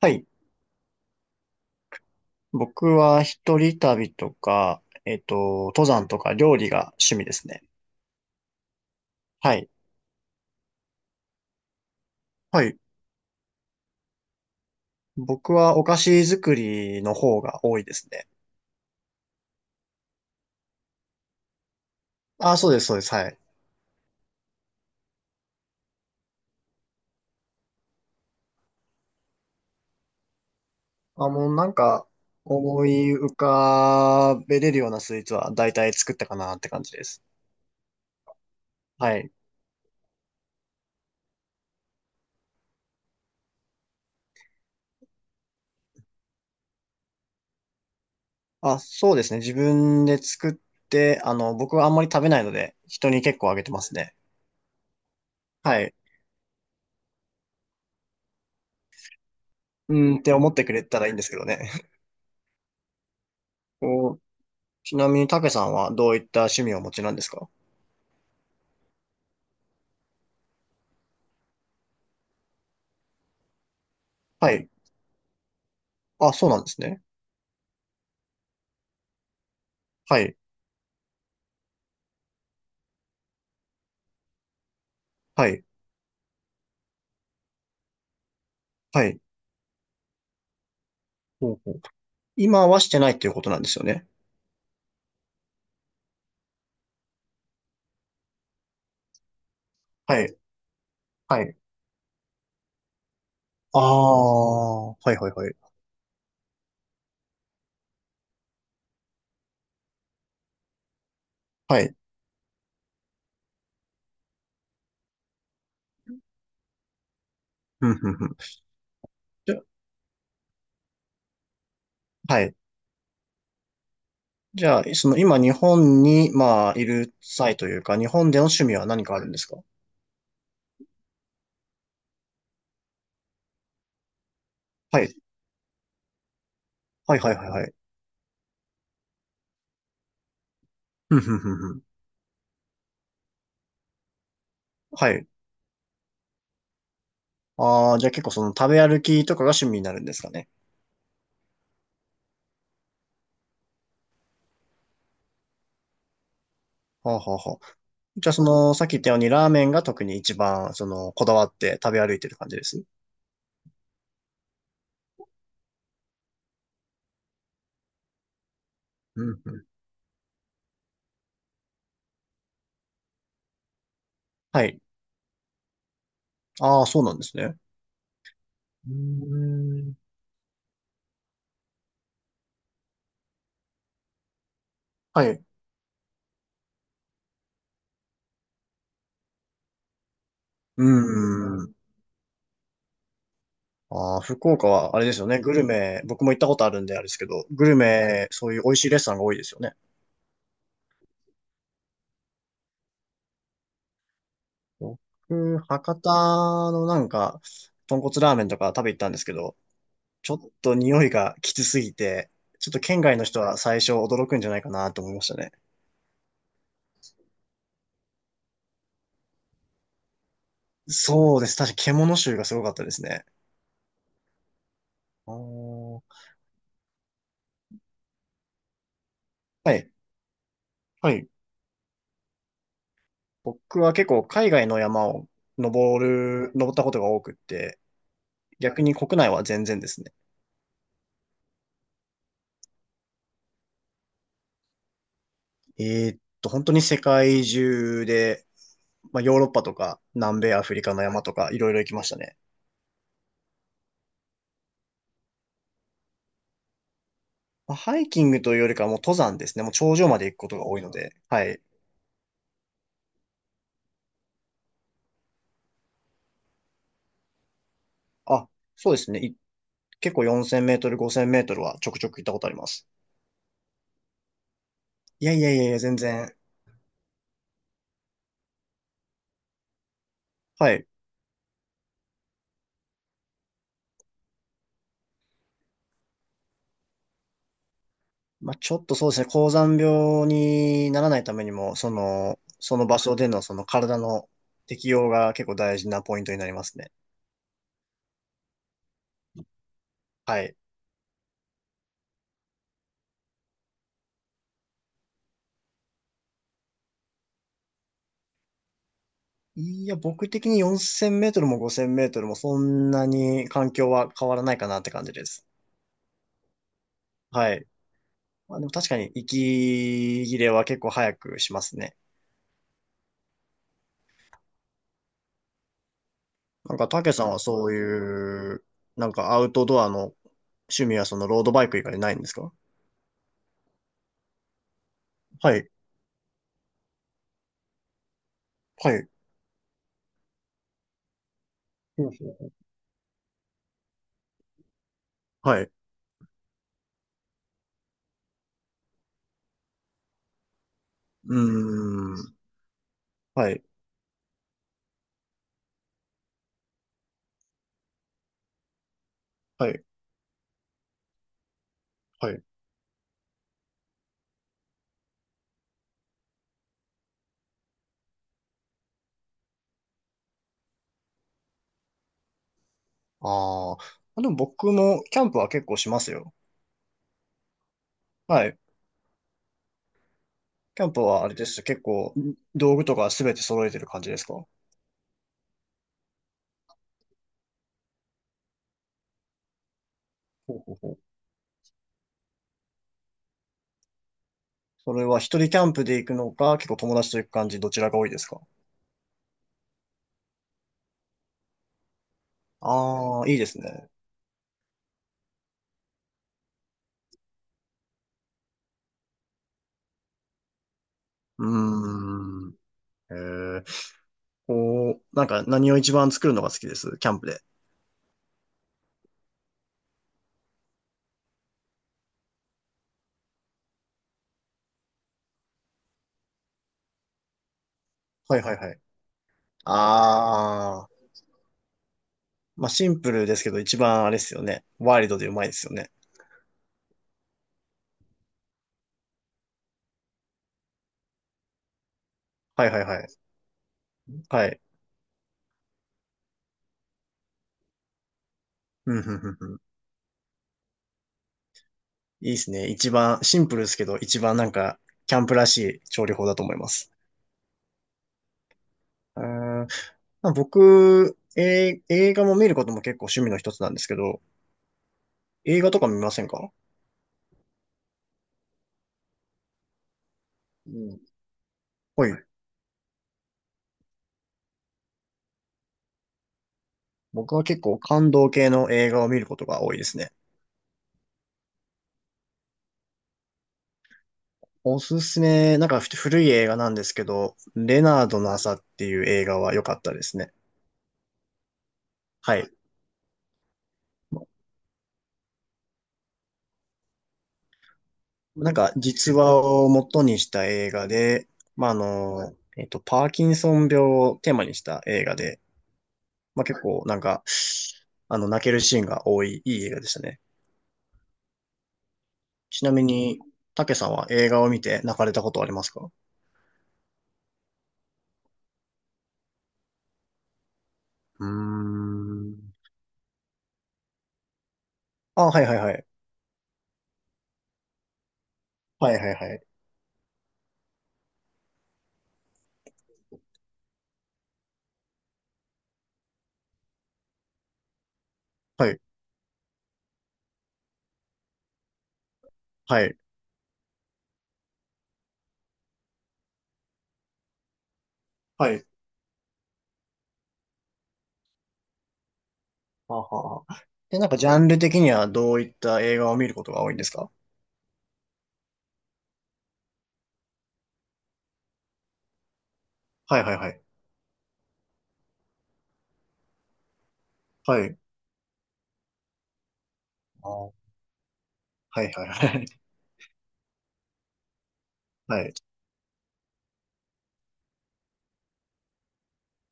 はい。僕は一人旅とか、登山とか料理が趣味ですね。はい。はい。僕はお菓子作りの方が多いですね。あ、そうです、そうです。はい。あ、もうなんか、思い浮かべれるようなスイーツは大体作ったかなって感じです。はい。あ、そうですね。自分で作って、僕はあんまり食べないので、人に結構あげてますね。はい。うんって思ってくれたらいいんですけどね。こちなみに、たけさんはどういった趣味をお持ちなんですか？はい。あ、そうなんですね。はい。はい。はい。ほうほう。今はしてないっていうことなんですよね。はい。はい。ああ、はいはいはい。はい。うん、うん、うん。じゃ、はい。じゃあ、その今日本に、まあ、いる際というか、日本での趣味は何かあるんですか？はい。はいはいはいはい。うん、うん、うん、うん。はい。ああ、じゃあ結構その食べ歩きとかが趣味になるんですかね。はあ、はあ、はあ。じゃあ、その、さっき言ったように、ラーメンが特に一番、その、こだわって食べ歩いてる感じです。うんうん。はい。ああ、そうなんですね。うーん。はい。うーん。ああ、福岡は、あれですよね。グルメ、僕も行ったことあるんであれですけど、グルメ、そういう美味しいレストランが多いですよね。僕、博多のなんか、豚骨ラーメンとか食べ行ったんですけど、ちょっと匂いがきつすぎて、ちょっと県外の人は最初驚くんじゃないかなと思いましたね。そうです。確かに獣臭がすごかったですね。あーはい。はい。僕は結構海外の山を登ったことが多くって、逆に国内は全然ですね。え本当に世界中で、まあ、ヨーロッパとか南米アフリカの山とかいろいろ行きましたね。まあ、ハイキングというよりかはもう登山ですね。もう頂上まで行くことが多いので。はい。あ、そうですね。結構4000メートル、5000メートルはちょくちょく行ったことあります。いやいやいやいや、全然。はい。まあ、ちょっとそうですね、高山病にならないためにも、その、その場所でのその体の適応が結構大事なポイントになりますね。はい。いや、僕的に4000メートルも5000メートルもそんなに環境は変わらないかなって感じです。はい。まあ、でも確かに息切れは結構早くしますね。なんか、たけさんはそういう、なんかアウトドアの趣味はそのロードバイク以外ないんですか？はい。はい。はい。はいうーん。はい。はい。はい。あーあ、でも僕もキャンプは結構しますよ。はい。キャンプはあれです。結構、道具とかすべて揃えてる感じですか？ほうほうほう。それは一人キャンプで行くのか、結構友達と行く感じ、どちらが多いですか？ああー、いいですね。うーん。えー、こう、なんか何を一番作るのが好きです。キャンプで。はいはいはい。ああ、まあシンプルですけど、一番あれですよね。ワイルドでうまいですよね。はいはいはい。はい。うんうんうんんいいですね。一番、シンプルですけど、一番なんか、キャンプらしい調理法だと思います。うーんまあ僕、えー映画も見ることも結構趣味の一つなんですけど、映画とか見ませんか？うん。はい。僕は結構感動系の映画を見ることが多いですね。おすすめ、なんか古い映画なんですけど、レナードの朝っていう映画は良かったですね。はい。なんか実話を元にした映画で、まあ、パーキンソン病をテーマにした映画で、まあ、結構なんか、あの、泣けるシーンが多い、いい映画でしたね。ちなみに、たけさんは映画を見て泣かれたことありますか？うーん。あ、はいはいはい。はいはいはい。はい、はい、はい。はあはあはあで、なんかジャンル的にはどういった映画を見ることが多いんですか？はいはいはい。はい。あーはいはいはい。はい。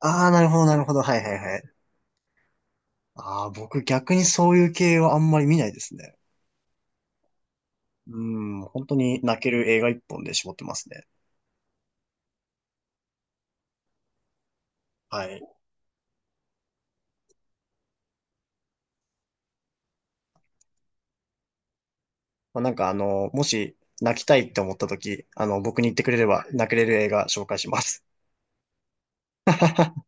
ああ、なるほどなるほど。はいはいはい。ああ、僕逆にそういう系はあんまり見ないですね。うーん、本当に泣ける映画一本で絞ってますね。はい。まあ、なんかあの、もし泣きたいって思った時、あの、僕に言ってくれれば泣けれる映画紹介します。